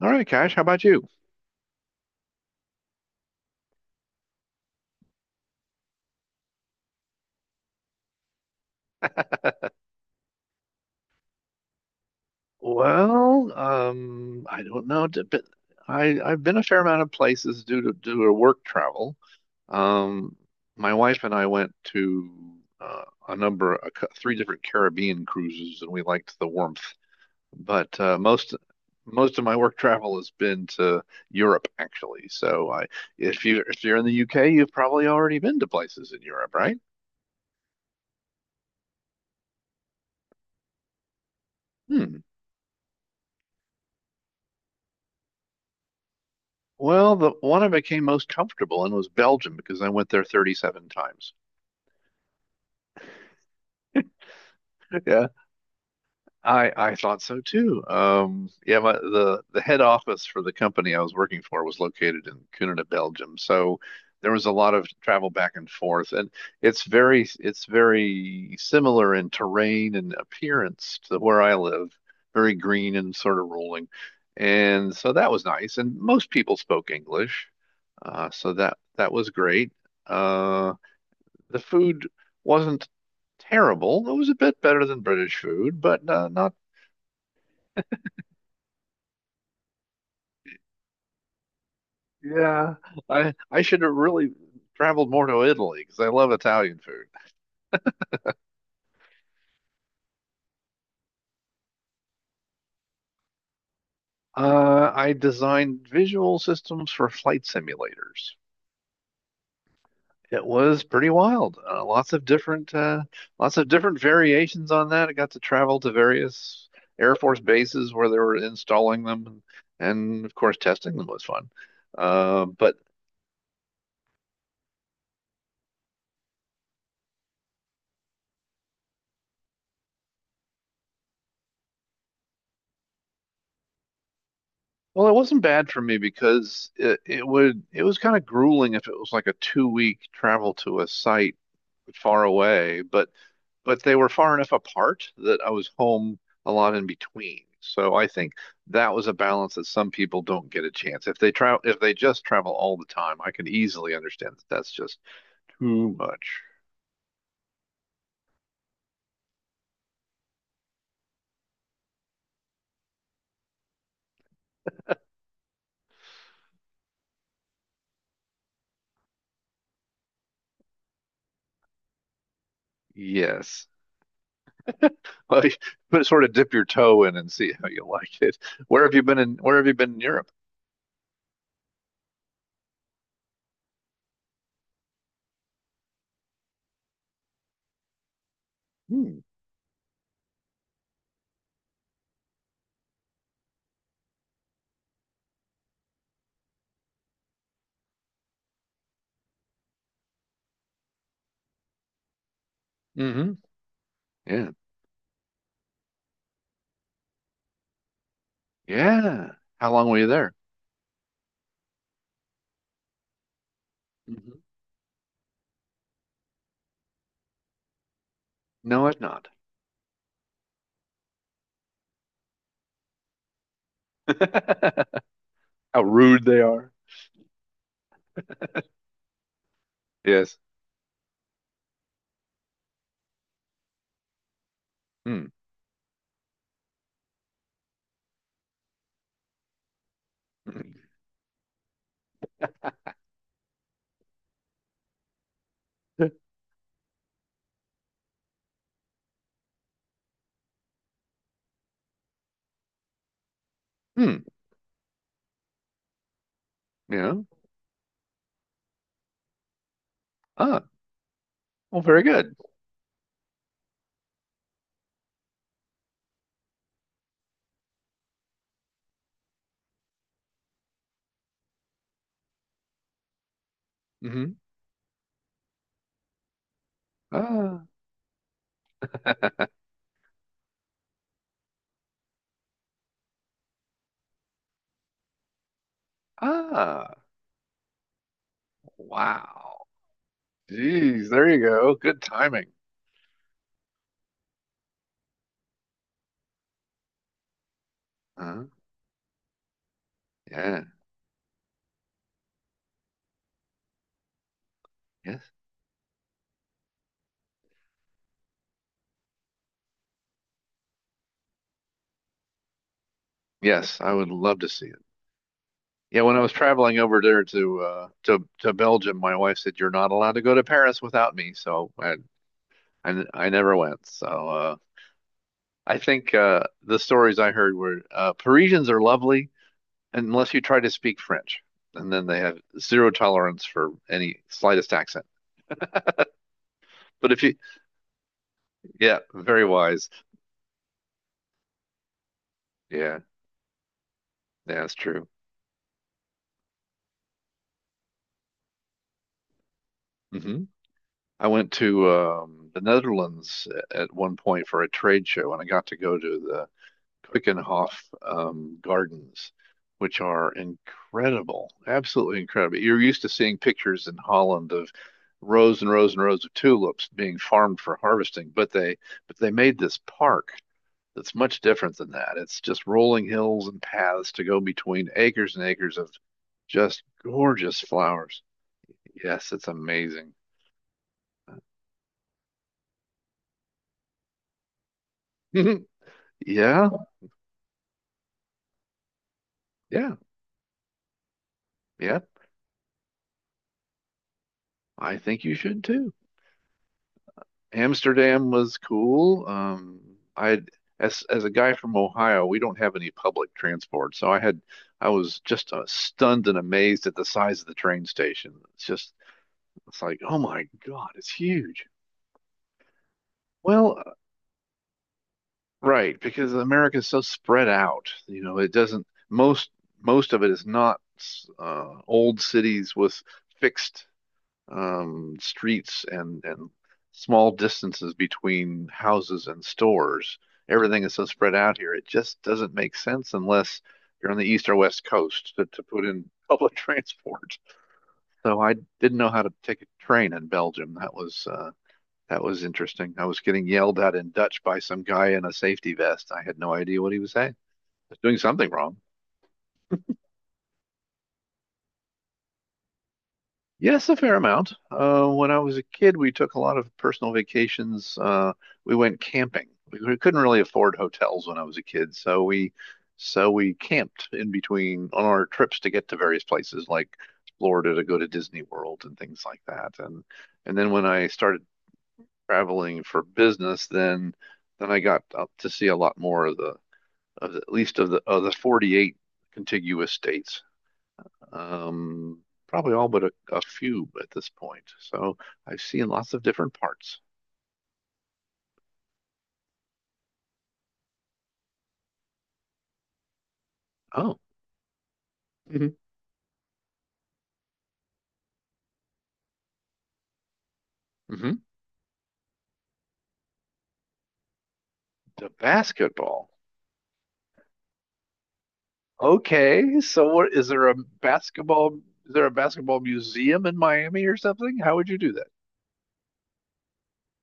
All right, Cash, how about you? Well, I don't know, d- but I've been a fair amount of places due to work travel. Um, my wife and I went to a number, a, cou- three different Caribbean cruises, and we liked the warmth. But most Most of my work travel has been to Europe, actually. So I, if you If you're in the UK, you've probably already been to places in Europe, right? Hmm. Well, the one I became most comfortable in was Belgium because I went there 37 times. Yeah, I thought so too. The head office for the company I was working for was located in Kuninga, Belgium. So there was a lot of travel back and forth, and it's very similar in terrain and appearance to where I live. Very green and sort of rolling, and so that was nice. And most people spoke English, so that was great. Uh, The food wasn't terrible. It was a bit better than British food, but not. Yeah, I should have really traveled more to Italy because I love Italian food. I designed visual systems for flight simulators. It was pretty wild. Lots of different variations on that. I got to travel to various Air Force bases where they were installing them, and of course testing them was fun. But Well, it wasn't bad for me because it was kind of grueling if it was like a two-week travel to a site far away, but they were far enough apart that I was home a lot in between. So I think that was a balance that some people don't get a chance. If they just travel all the time, I can easily understand that that's just too much. Yes. Like, but sort of dip your toe in and see how you like it. Where have you been in Europe? Hmm. hmm Yeah. Yeah. How long were you there? Hmm No, I've not. How rude they are. Yes. Hmm. Hmm. Hmm. Yeah. Ah. Well, very good. Hmm Ah. Ah. Wow. Geez, there you go. Good timing. Huh? Yeah. Yes. Yes, I would love to see it. Yeah, when I was traveling over there to Belgium, my wife said you're not allowed to go to Paris without me, so I never went. So I think the stories I heard were Parisians are lovely unless you try to speak French, and then they have zero tolerance for any slightest accent. But if you, yeah, very wise. Yeah, yeah, that's true. Hmm I went to the Netherlands at one point for a trade show, and I got to go to the Quickenhof gardens, which are incredible, absolutely incredible. You're used to seeing pictures in Holland of rows and rows and rows of tulips being farmed for harvesting, but they made this park that's much different than that. It's just rolling hills and paths to go between acres and acres of just gorgeous flowers. Yes, it's amazing. Yeah, yeah, yeah. I think you should too. Amsterdam was cool. I as a guy from Ohio, we don't have any public transport, so I was just stunned and amazed at the size of the train station. It's like, oh my God, it's huge. Well, uh, right, because America is so spread out. You know, it doesn't Most most of it is not old cities with fixed streets and small distances between houses and stores. Everything is so spread out here. It just doesn't make sense unless you're on the east or west coast to put in public transport. So I didn't know how to take a train in Belgium. That was interesting. I was getting yelled at in Dutch by some guy in a safety vest. I had no idea what he was saying. I was doing something wrong. Yes, a fair amount. When I was a kid, we took a lot of personal vacations. We went camping. We couldn't really afford hotels when I was a kid, so we camped in between on our trips to get to various places like Florida to go to Disney World and things like that. And then when I started traveling for business, then I got up to see a lot more of the, at least of the 48 contiguous states, um, probably all but a few at this point. So I've seen lots of different parts. Oh. Mhm. hmm the basketball. Okay, so what is there a basketball? Is there a basketball museum in Miami or something? How would you do that?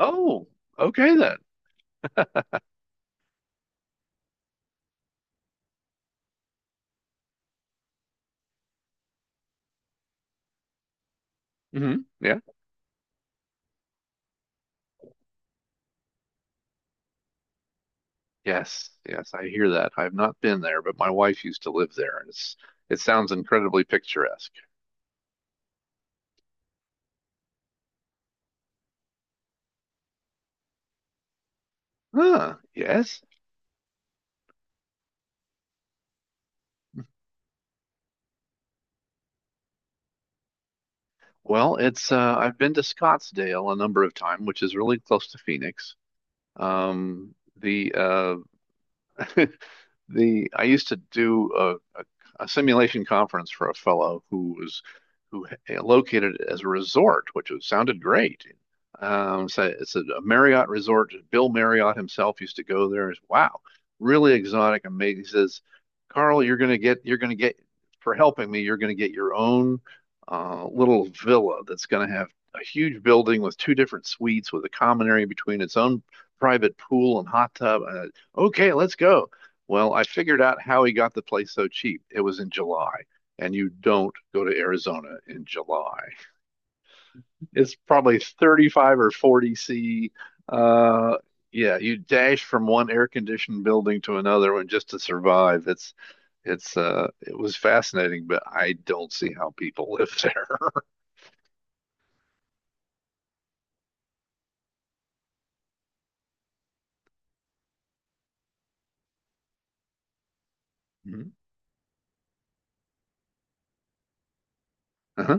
Oh, okay then. Hmm Yeah. Yes, yes, I hear that. I've not been there, but my wife used to live there, and it sounds incredibly picturesque. Huh, yes. Well, it's I've been to Scottsdale a number of times, which is really close to Phoenix. The the I used to do a simulation conference for a fellow who located it as a resort, which sounded great. So it's a Marriott resort. Bill Marriott himself used to go there. It's, wow, really exotic, amazing. He says, Carl, you're gonna get for helping me. You're gonna get your own little villa that's gonna have a huge building with two different suites with a common area between its own private pool and hot tub. Okay, let's go. Well, I figured out how he got the place so cheap. It was in July, and you don't go to Arizona in July. It's probably 35 or 40 C. Uh, yeah, you dash from one air conditioned building to another one just to survive. It's it was fascinating, but I don't see how people live there. Mhm. Uh-huh.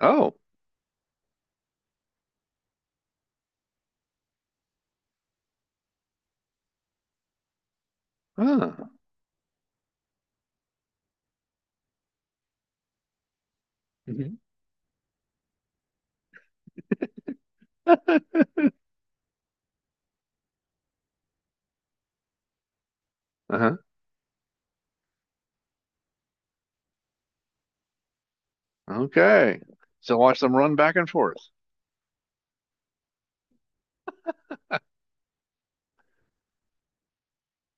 Oh. Huh. Mhm. Uh-huh. Okay. So watch them run back and forth.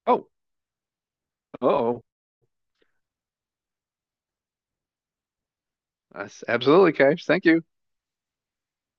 Oh, oh. That's absolutely, Cage. Thank you.